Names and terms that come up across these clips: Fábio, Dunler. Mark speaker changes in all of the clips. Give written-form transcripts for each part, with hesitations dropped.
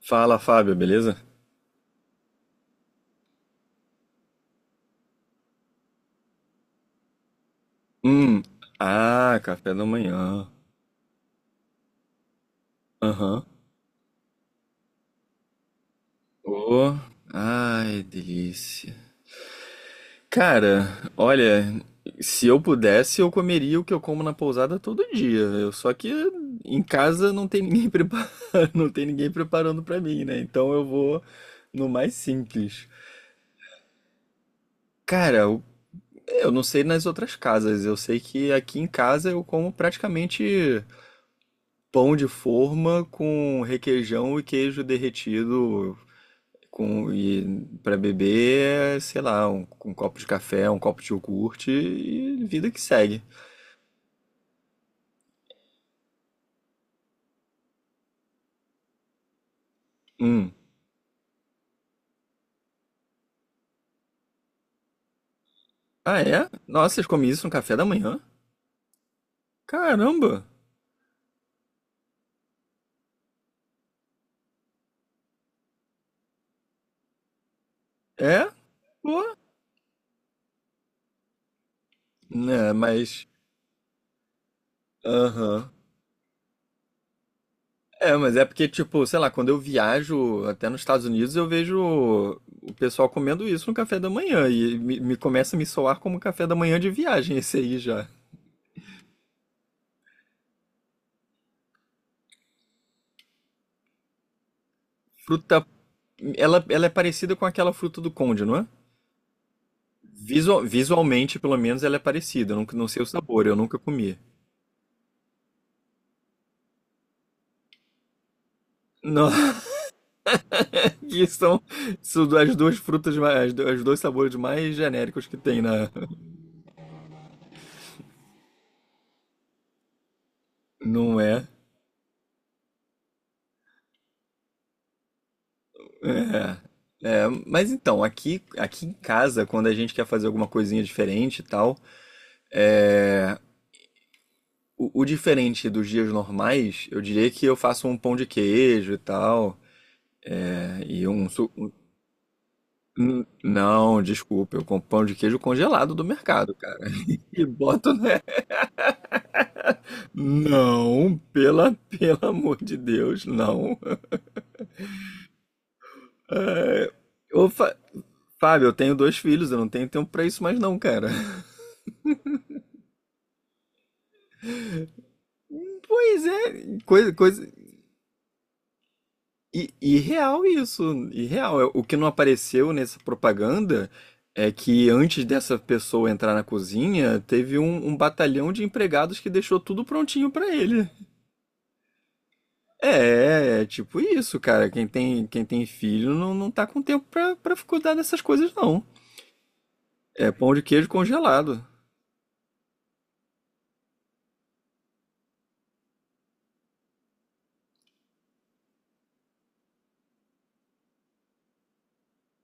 Speaker 1: Fala, Fábio, beleza? Hum. Ah, café da manhã. Aham. Oh. Ai, delícia. Cara, olha, se eu pudesse, eu comeria o que eu como na pousada todo dia. Só que em casa não tem ninguém preparando, não tem ninguém preparando pra mim, né? Então eu vou no mais simples. Cara, eu não sei nas outras casas. Eu sei que aqui em casa eu como praticamente pão de forma com requeijão e queijo derretido com e para beber, sei lá, um copo de café, um copo de iogurte e vida que segue. Hum. Ah, é? Nossa, vocês comem isso no café da manhã? Caramba! É? Pô. É, mas. Aham. É, mas é porque, tipo, sei lá, quando eu viajo até nos Estados Unidos, eu vejo o pessoal comendo isso no café da manhã. E me começa a me soar como café da manhã de viagem esse aí já. Fruta. Ela é parecida com aquela fruta do conde, não é? Visualmente, pelo menos, ela é parecida. Eu não, não sei o sabor, eu nunca comi. Não, que são, são as duas frutas, mais, os dois sabores mais genéricos que tem na. Não é? É. É, mas então, aqui em casa, quando a gente quer fazer alguma coisinha diferente e tal, é, o diferente dos dias normais, eu diria que eu faço um pão de queijo e tal, é, e não, desculpa, eu compro pão de queijo congelado do mercado, cara. E boto na... Não, pelo amor de Deus, não. É, Ô, Fa- Fábio, eu tenho dois filhos, eu não tenho tempo pra isso mais não, cara. Pois é, coisa... Irreal isso, irreal. O que não apareceu nessa propaganda é que antes dessa pessoa entrar na cozinha, teve um batalhão de empregados que deixou tudo prontinho pra ele. É, é tipo isso, cara. Quem tem filho não tá com tempo pra cuidar dessas coisas, não. É pão de queijo congelado.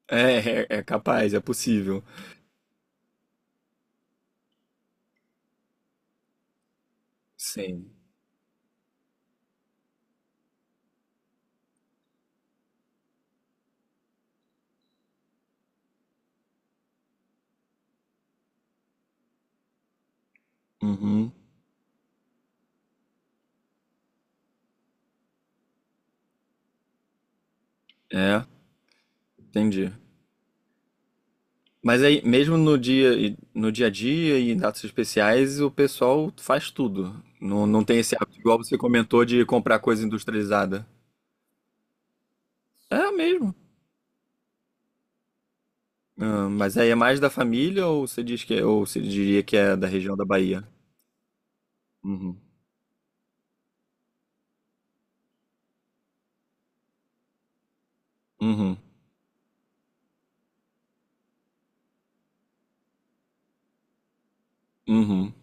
Speaker 1: É, é capaz, é possível. Sim. Uhum. É, entendi. Mas aí, mesmo no dia, no dia a dia e em datas especiais, o pessoal faz tudo. Não, não tem esse hábito, igual você comentou, de comprar coisa industrializada. É mesmo. Ah, mas aí é mais da família ou você diria que é da região da Bahia? Uhum. Uhum. Uhum.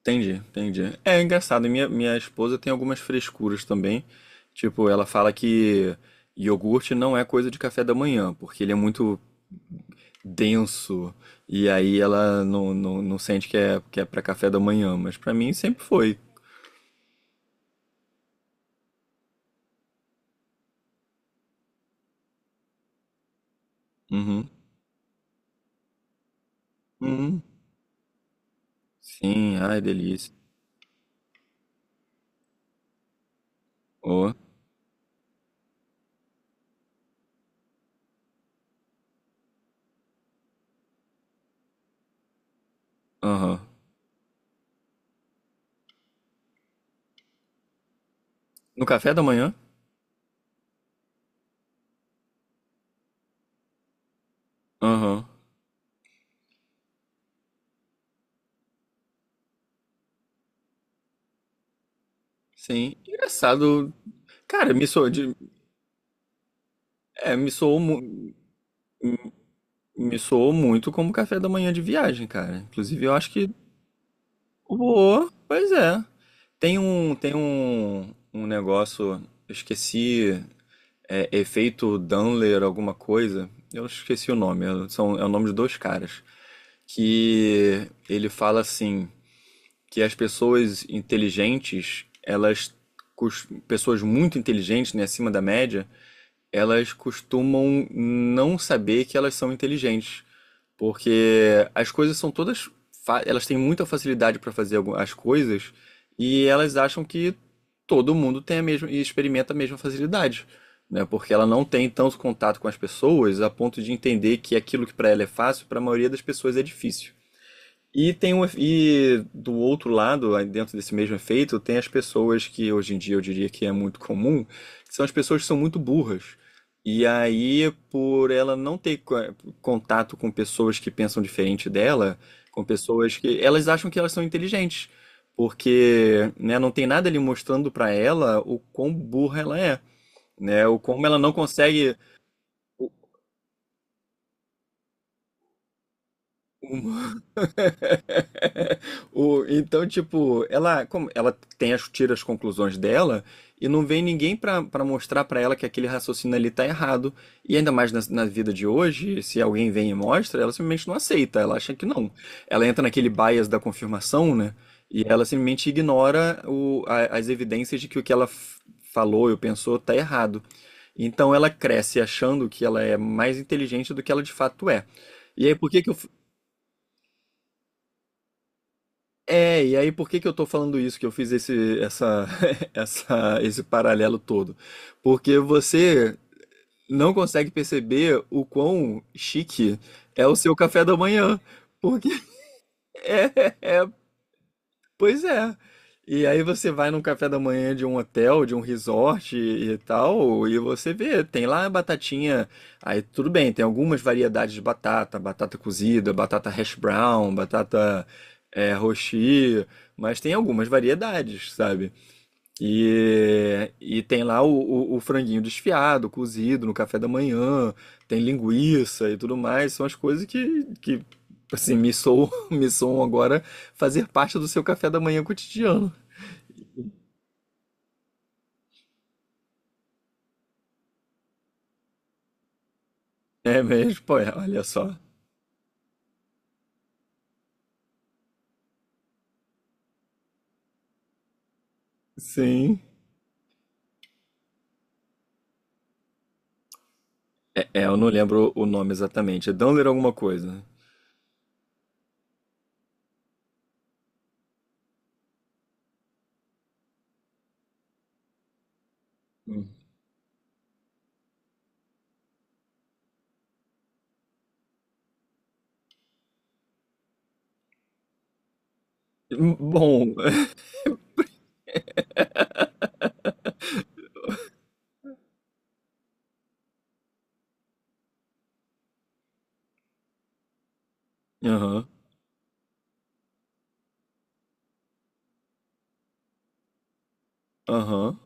Speaker 1: Entendi, entendi. É engraçado, minha esposa tem algumas frescuras também. Tipo, ela fala que iogurte não é coisa de café da manhã, porque ele é muito denso. E aí ela não sente que é para café da manhã. Mas pra mim sempre foi. Uhum. Uhum. Sim, ai, delícia. Oh, aham. No café da manhã? Aham. Sim. Engraçado. Cara, me soou de, é, me soou, mu- Me soou muito como café da manhã de viagem, cara. Inclusive, eu acho que boa, pois é. Um negócio, eu esqueci, efeito Dunler, alguma coisa. Eu esqueci o nome, é o nome de dois caras. Que ele fala assim, que as pessoas inteligentes, elas, pessoas muito inteligentes, né, acima da média, elas costumam não saber que elas são inteligentes. Porque as coisas são todas. Elas têm muita facilidade para as coisas e elas acham que todo mundo tem a mesma e experimenta a mesma facilidade, né? Porque ela não tem tanto contato com as pessoas a ponto de entender que aquilo que para ela é fácil, para a maioria das pessoas é difícil. E tem um, e do outro lado, aí dentro desse mesmo efeito, tem as pessoas que hoje em dia eu diria que é muito comum, que são as pessoas que são muito burras. E aí, por ela não ter contato com pessoas que pensam diferente dela, com pessoas que elas acham que elas são inteligentes, porque, né, não tem nada ali mostrando pra ela o quão burra ela é, né, o como ela não consegue, o, um então, tipo, ela tem tira as conclusões dela e não vem ninguém pra pra mostrar pra ela que aquele raciocínio ali tá errado. E ainda mais na, na vida de hoje, se alguém vem e mostra, ela simplesmente não aceita, ela acha que não. Ela entra naquele bias da confirmação, né? E ela simplesmente ignora as evidências de que o que falou ou pensou tá errado. Então ela cresce achando que ela é mais inteligente do que ela de fato é. E aí, por que que eu, É, e aí por que que eu tô falando isso, que eu fiz esse, essa, esse paralelo todo? Porque você não consegue perceber o quão chique é o seu café da manhã. Porque é, pois é. E aí você vai num café da manhã de um hotel, de um resort e tal, e você vê, tem lá a batatinha. Aí tudo bem, tem algumas variedades de batata, batata cozida, batata hash brown, batata é, rochi, mas tem algumas variedades, sabe? E tem lá o franguinho desfiado, cozido no café da manhã, tem linguiça e tudo mais. São as coisas que assim, me soam, me soam agora fazer parte do seu café da manhã cotidiano. É mesmo? Pô, é, olha só. Sim. Eu não lembro o nome exatamente. É Dunler alguma coisa. Hum. Bom. Aham, aham.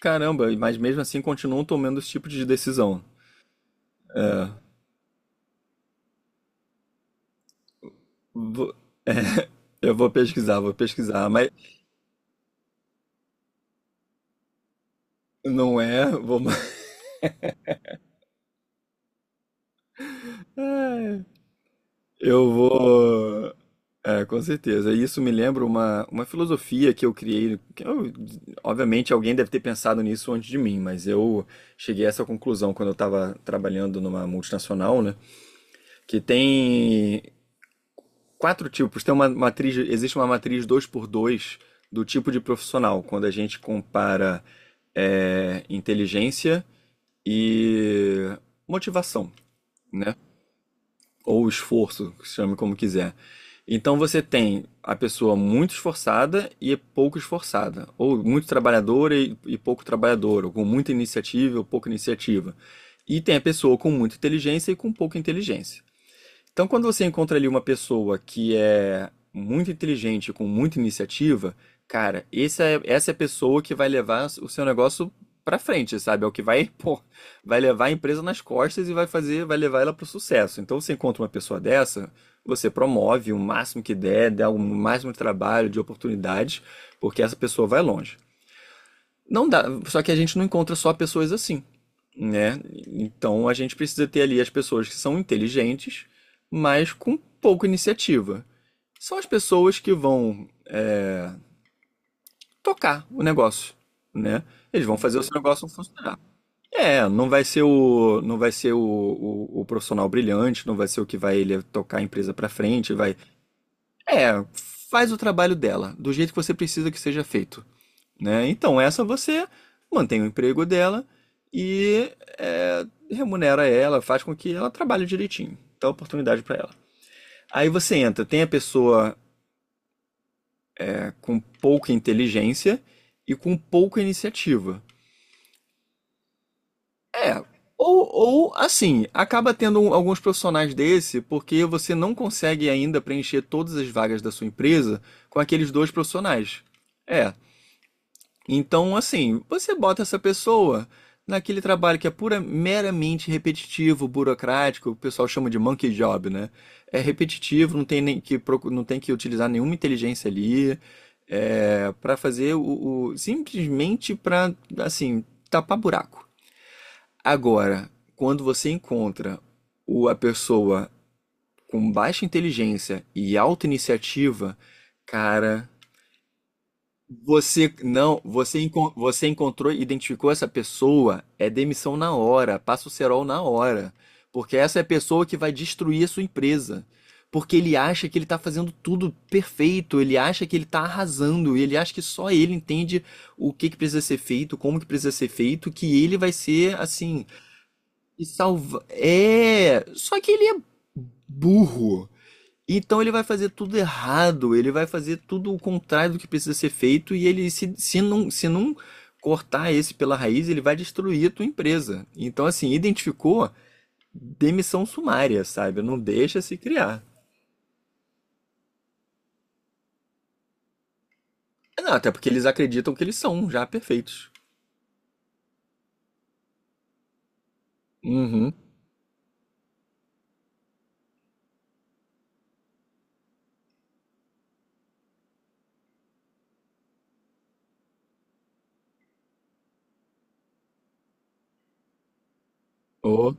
Speaker 1: Caramba, mas mesmo assim continuam tomando esse tipo de decisão. É. Vou- Eu vou pesquisar, vou pesquisar. Mas não é, vou, eu vou. É, com certeza. E isso me lembra uma filosofia que eu criei. Obviamente, alguém deve ter pensado nisso antes de mim, mas eu cheguei a essa conclusão quando eu estava trabalhando numa multinacional, né? Que tem quatro tipos. Tem uma matriz, existe uma matriz dois por dois do tipo de profissional, quando a gente compara inteligência e motivação. Né? Ou esforço, chame como quiser. Então você tem a pessoa muito esforçada e pouco esforçada, ou muito trabalhadora e pouco trabalhadora, ou com muita iniciativa ou pouca iniciativa. E tem a pessoa com muita inteligência e com pouca inteligência. Então, quando você encontra ali uma pessoa que é muito inteligente, com muita iniciativa, cara, essa é a pessoa que vai levar o seu negócio pra frente, sabe? É o que vai, pô, vai levar a empresa nas costas e vai fazer, vai levar ela pro sucesso. Então, você encontra uma pessoa dessa, você promove o máximo que der, dá o máximo de trabalho, de oportunidades, porque essa pessoa vai longe. Não dá, só que a gente não encontra só pessoas assim né? Então a gente precisa ter ali as pessoas que são inteligentes, mas com pouca iniciativa. São as pessoas que vão tocar o negócio, né? Eles vão fazer o seu negócio funcionar. É, não vai ser o profissional brilhante, não vai ser o que vai ele tocar a empresa pra frente, vai. É, faz o trabalho dela, do jeito que você precisa que seja feito. Né? Então, essa você mantém o emprego dela e é, remunera ela, faz com que ela trabalhe direitinho, dá oportunidade para ela. Aí você entra, tem a pessoa é, com pouca inteligência e com pouca iniciativa. É, ou assim, acaba tendo alguns profissionais desse porque você não consegue ainda preencher todas as vagas da sua empresa com aqueles dois profissionais. É, então, assim, você bota essa pessoa naquele trabalho que é pura, meramente repetitivo, burocrático, o pessoal chama de monkey job, né? É repetitivo, não tem que utilizar nenhuma inteligência ali, é, para fazer simplesmente para, assim, tapar buraco. Agora, quando você encontra a pessoa com baixa inteligência e alta iniciativa, cara, você não, você, encon- você encontrou, e identificou essa pessoa, é demissão na hora, passa o cerol na hora, porque essa é a pessoa que vai destruir a sua empresa, porque ele acha que ele está fazendo tudo perfeito, ele acha que ele está arrasando, ele acha que só ele entende o que que precisa ser feito, como que precisa ser feito, que ele vai ser assim e salva. É, só que ele é burro. Então ele vai fazer tudo errado, ele vai fazer tudo o contrário do que precisa ser feito e ele se, se não cortar esse pela raiz, ele vai destruir a tua empresa. Então assim, identificou demissão sumária, sabe? Não deixa se criar. Não, até porque eles acreditam que eles são já perfeitos. Uhum. Oh.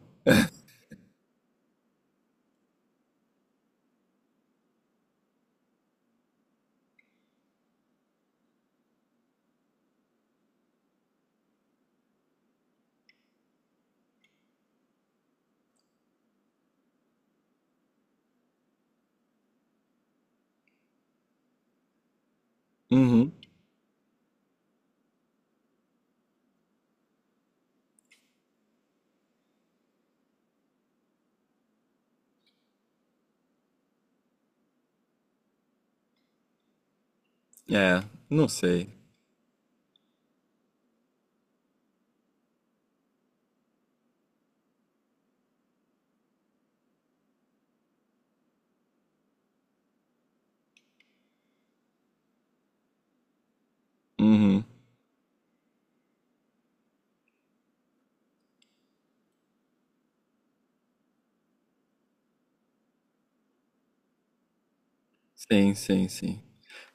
Speaker 1: Uhum. É, não sei. Uhum. Sim, sim, sim.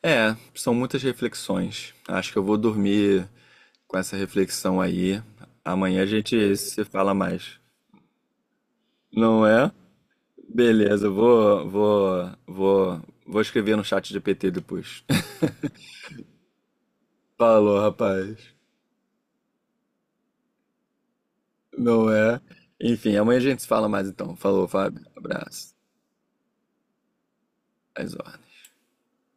Speaker 1: É, são muitas reflexões. Acho que eu vou dormir com essa reflexão aí. Amanhã a gente se fala mais. Não é? Beleza, vou escrever no chat GPT depois. Falou, rapaz. Não é? Enfim, amanhã a gente se fala mais então. Falou, Fábio. Abraço. Às ordens.